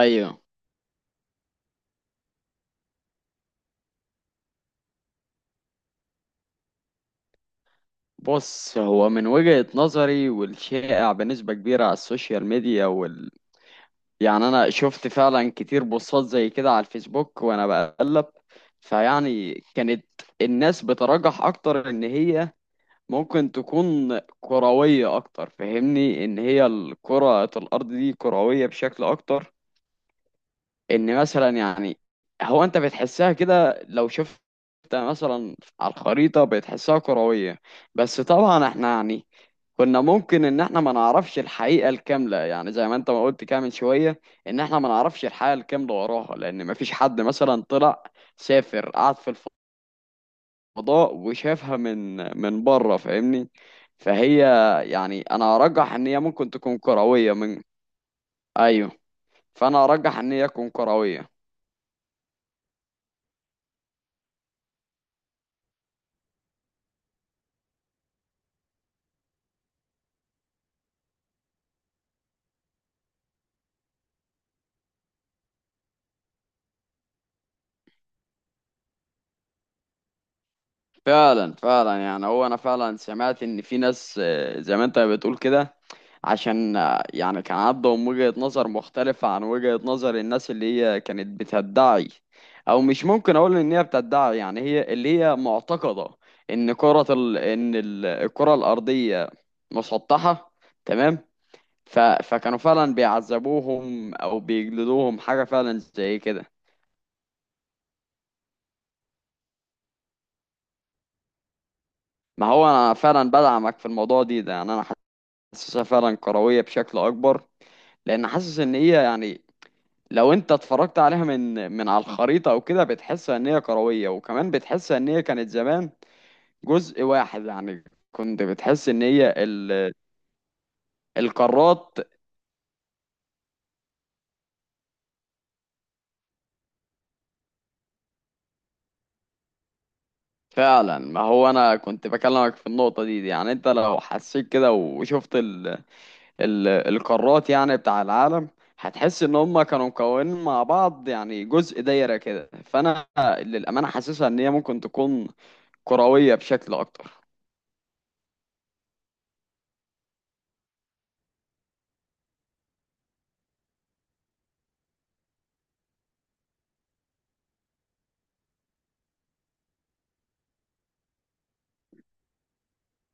ايوه، بص، هو من وجهة نظري والشائع بنسبة كبيرة على السوشيال ميديا يعني انا شفت فعلا كتير بوستات زي كده على الفيسبوك وانا بقلب. فيعني كانت الناس بترجح اكتر ان هي ممكن تكون كروية اكتر، فاهمني ان هي الكرة الارض دي كروية بشكل اكتر، ان مثلا يعني هو انت بتحسها كده لو شفت مثلا على الخريطة بتحسها كروية. بس طبعا احنا يعني كنا ممكن ان احنا ما نعرفش الحقيقة الكاملة، يعني زي ما انت ما قلت كده من شوية ان احنا ما نعرفش الحقيقة الكاملة وراها، لان ما فيش حد مثلا طلع سافر قعد في الفضاء وشافها من بره، فاهمني. فهي يعني انا ارجح ان هي ممكن تكون كروية من. ايوه، فانا ارجح ان هي تكون كروية. فعلا فعلا، يعني هو انا فعلا سمعت ان في ناس، زي ما انت بتقول كده، عشان يعني كان عندهم وجهة نظر مختلفة عن وجهة نظر الناس اللي هي كانت بتدعي، او مش ممكن اقول ان هي بتدعي، يعني هي اللي هي معتقدة ان كرة ال... ان ال- الكرة الارضية مسطحة. تمام. فكانوا فعلا بيعذبوهم او بيجلدوهم حاجة فعلا زي كده. ما هو انا فعلا بدعمك في الموضوع ده يعني انا حاسسها فعلا كروية بشكل اكبر، لان حاسس ان هي يعني لو انت اتفرجت عليها من على الخريطه او كده بتحس ان هي كرويه، وكمان بتحس ان هي كانت زمان جزء واحد. يعني كنت بتحس ان هي القارات فعلا ما هو انا كنت بكلمك في النقطه دي يعني انت لو حسيت كده وشفت القارات يعني بتاع العالم، هتحس ان هم كانوا مكونين مع بعض، يعني جزء دايره كده. فانا للامانه حاسسها ان هي ممكن تكون كرويه بشكل اكتر.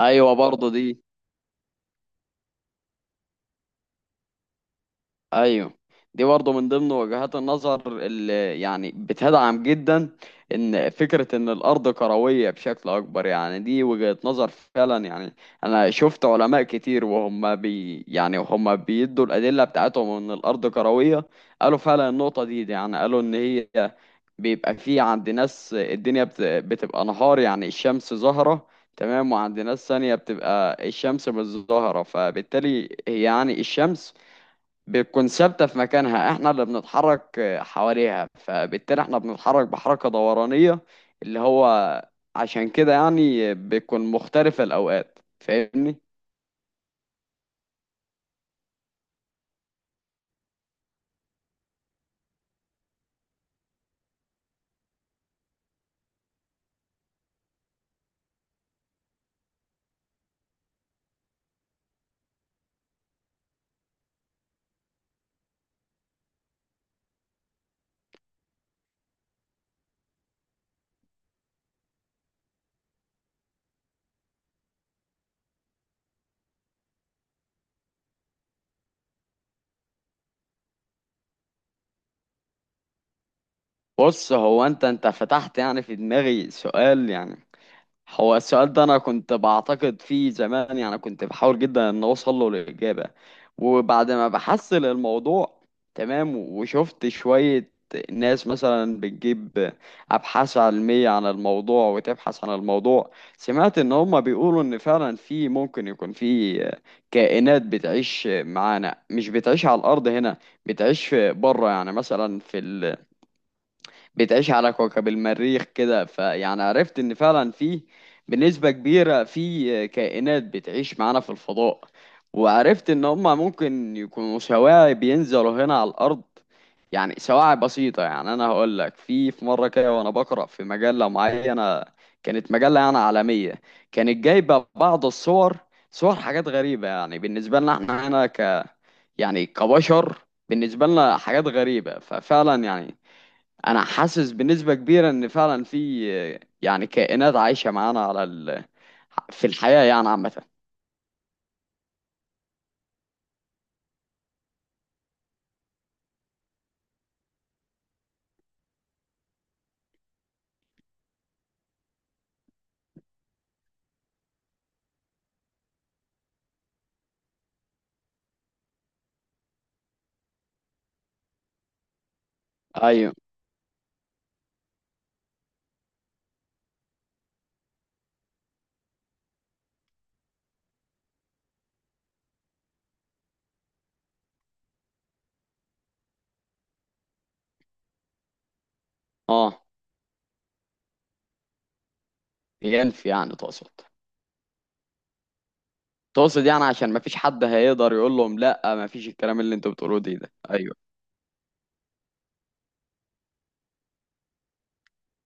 ايوه برضه دي. ايوه، دي برضه من ضمن وجهات النظر اللي يعني بتدعم جدا ان فكره ان الارض كرويه بشكل اكبر. يعني دي وجهه نظر فعلا، يعني انا شفت علماء كتير وهم بي يعني وهم بيدوا الادله بتاعتهم ان الارض كرويه. قالوا فعلا النقطه دي يعني قالوا ان هي بيبقى في عند ناس الدنيا بتبقى نهار، يعني الشمس ظاهرة. تمام. وعند ناس ثانية بتبقى الشمس مش ظاهرة، فبالتالي هي يعني الشمس بتكون ثابتة في مكانها، احنا اللي بنتحرك حواليها، فبالتالي احنا بنتحرك بحركة دورانية اللي هو عشان كده يعني بتكون مختلفة الأوقات، فاهمني؟ بص، هو انت فتحت يعني في دماغي سؤال. يعني هو السؤال ده انا كنت بعتقد فيه زمان، يعني كنت بحاول جدا ان اوصل له الاجابه، وبعد ما بحصل الموضوع، تمام، وشفت شويه ناس مثلا بتجيب ابحاث علميه عن الموضوع وتبحث عن الموضوع، سمعت ان هم بيقولوا ان فعلا في، ممكن يكون في كائنات بتعيش معانا مش بتعيش على الارض هنا. بتعيش بره، يعني مثلا في، بتعيش على كوكب المريخ كده. فيعني عرفت ان فعلا في بنسبة كبيرة في كائنات بتعيش معانا في الفضاء. وعرفت ان هما ممكن يكونوا سواعي بينزلوا هنا على الارض، يعني سواعي بسيطة. يعني انا هقول لك في مرة كده وانا بقرأ في مجلة معينة، كانت مجلة يعني عالمية، كانت جايبة بعض الصور، صور حاجات غريبة يعني بالنسبة لنا احنا هنا، ك يعني كبشر بالنسبة لنا حاجات غريبة. ففعلا يعني انا حاسس بنسبة كبيرة ان فعلا في، يعني كائنات عايشة معانا على في الحياة يعني عامة. ايوه. اه. ينفي يعني تقصد؟ تقصد يعني عشان ما فيش حد هيقدر يقول لهم لا ما فيش الكلام اللي انتوا بتقولوه ده ايوه.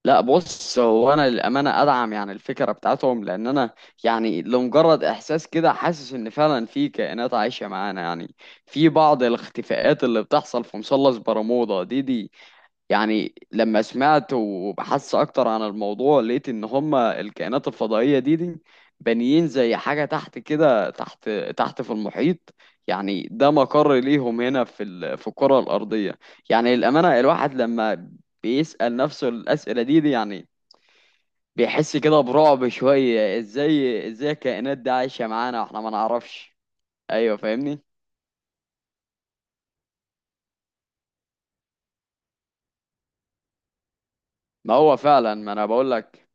لا، بص، هو انا للامانه ادعم يعني الفكره بتاعتهم، لان انا يعني لمجرد احساس كده حاسس ان فعلا في كائنات عايشه معانا. يعني في بعض الاختفاءات اللي بتحصل في مثلث برمودا دي، يعني لما سمعت وبحثت اكتر عن الموضوع لقيت ان هما الكائنات الفضائية دي بانيين زي حاجة تحت كده تحت تحت في المحيط. يعني ده مقر ليهم هنا في في الكرة الأرضية. يعني الأمانة، الواحد لما بيسأل نفسه الأسئلة دي يعني بيحس كده برعب شوية، ازاي ازاي الكائنات دي عايشة معانا واحنا ما نعرفش؟ ايوه فاهمني. ما هو فعلا ما انا بقول لك.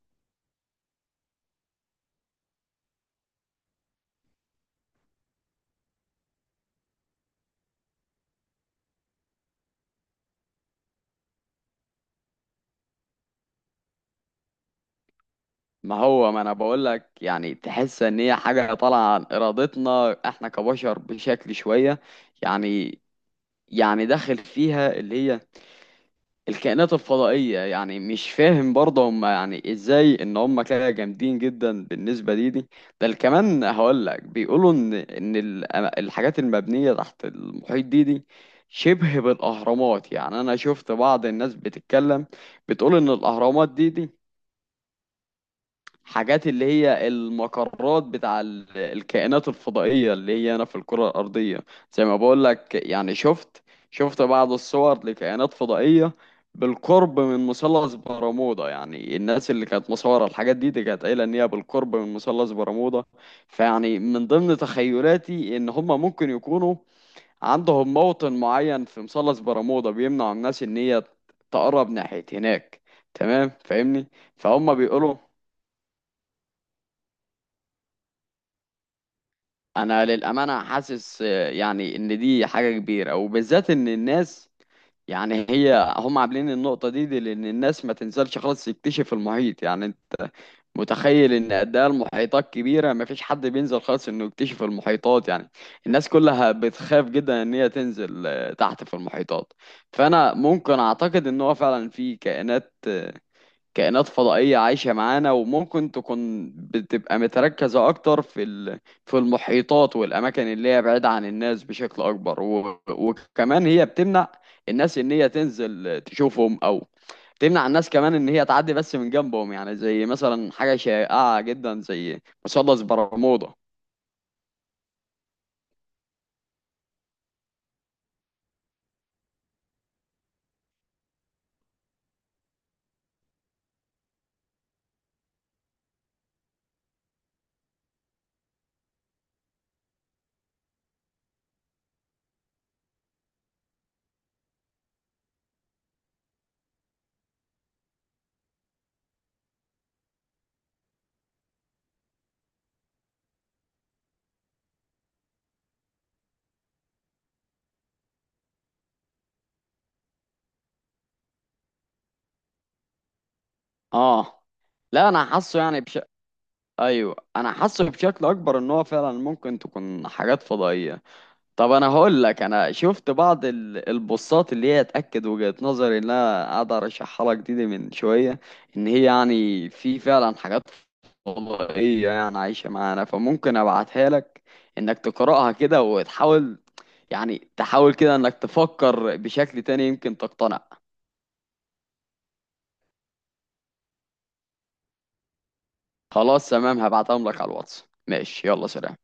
ما هو ما انا بقول لك يعني تحس ان هي حاجه طالعه عن ارادتنا احنا كبشر بشكل شويه. يعني، يعني داخل فيها اللي هي الكائنات الفضائيه، يعني مش فاهم برضه هم يعني ازاي ان هم كده جامدين جدا بالنسبه دي. بل كمان هقول لك بيقولوا ان الحاجات المبنيه تحت المحيط دي شبه بالاهرامات. يعني انا شفت بعض الناس بتتكلم بتقول ان الاهرامات دي حاجات اللي هي المقرات بتاع الكائنات الفضائية اللي هي هنا في الكرة الأرضية. زي ما بقول لك، يعني شفت بعض الصور لكائنات فضائية بالقرب من مثلث برمودا، يعني الناس اللي كانت مصورة الحاجات دي كانت قايلة إن هي بالقرب من مثلث برمودا. فيعني من ضمن تخيلاتي إن هما ممكن يكونوا عندهم موطن معين في مثلث برمودا بيمنع الناس إن هي تقرب ناحية هناك. تمام فاهمني. فهم بيقولوا، انا للامانه حاسس يعني ان دي حاجه كبيره، وبالذات ان الناس يعني هي هم عاملين النقطه دي لان الناس ما تنزلش خالص تكتشف المحيط. يعني انت متخيل ان قد ايه المحيطات كبيره، ما فيش حد بينزل خالص انه يكتشف المحيطات. يعني الناس كلها بتخاف جدا ان هي تنزل تحت في المحيطات. فانا ممكن اعتقد ان هو فعلا في كائنات، كائنات فضائية عايشة معانا، وممكن تكون بتبقى متركزة أكتر في في المحيطات والأماكن اللي هي بعيدة عن الناس بشكل أكبر، وكمان هي بتمنع الناس إن هي تنزل تشوفهم، أو تمنع الناس كمان إن هي تعدي بس من جنبهم، يعني زي مثلا حاجة شائعة جدا زي مثلث برمودا. آه. لا، أنا حاسه يعني أيوه أنا حاسه بشكل أكبر إن هو فعلا ممكن تكون حاجات فضائية. طب انا هقول لك، انا شفت بعض البوستات اللي هي تاكد وجهة نظري اللي انا قاعد ارشحها لك دي من شويه، ان هي يعني في فعلا حاجات فضائيه يعني عايشه معانا. فممكن ابعتها لك انك تقراها كده وتحاول، يعني تحاول كده انك تفكر بشكل تاني يمكن تقتنع. خلاص تمام، هبعتهم لك على الواتس. ماشي، يلا سلام.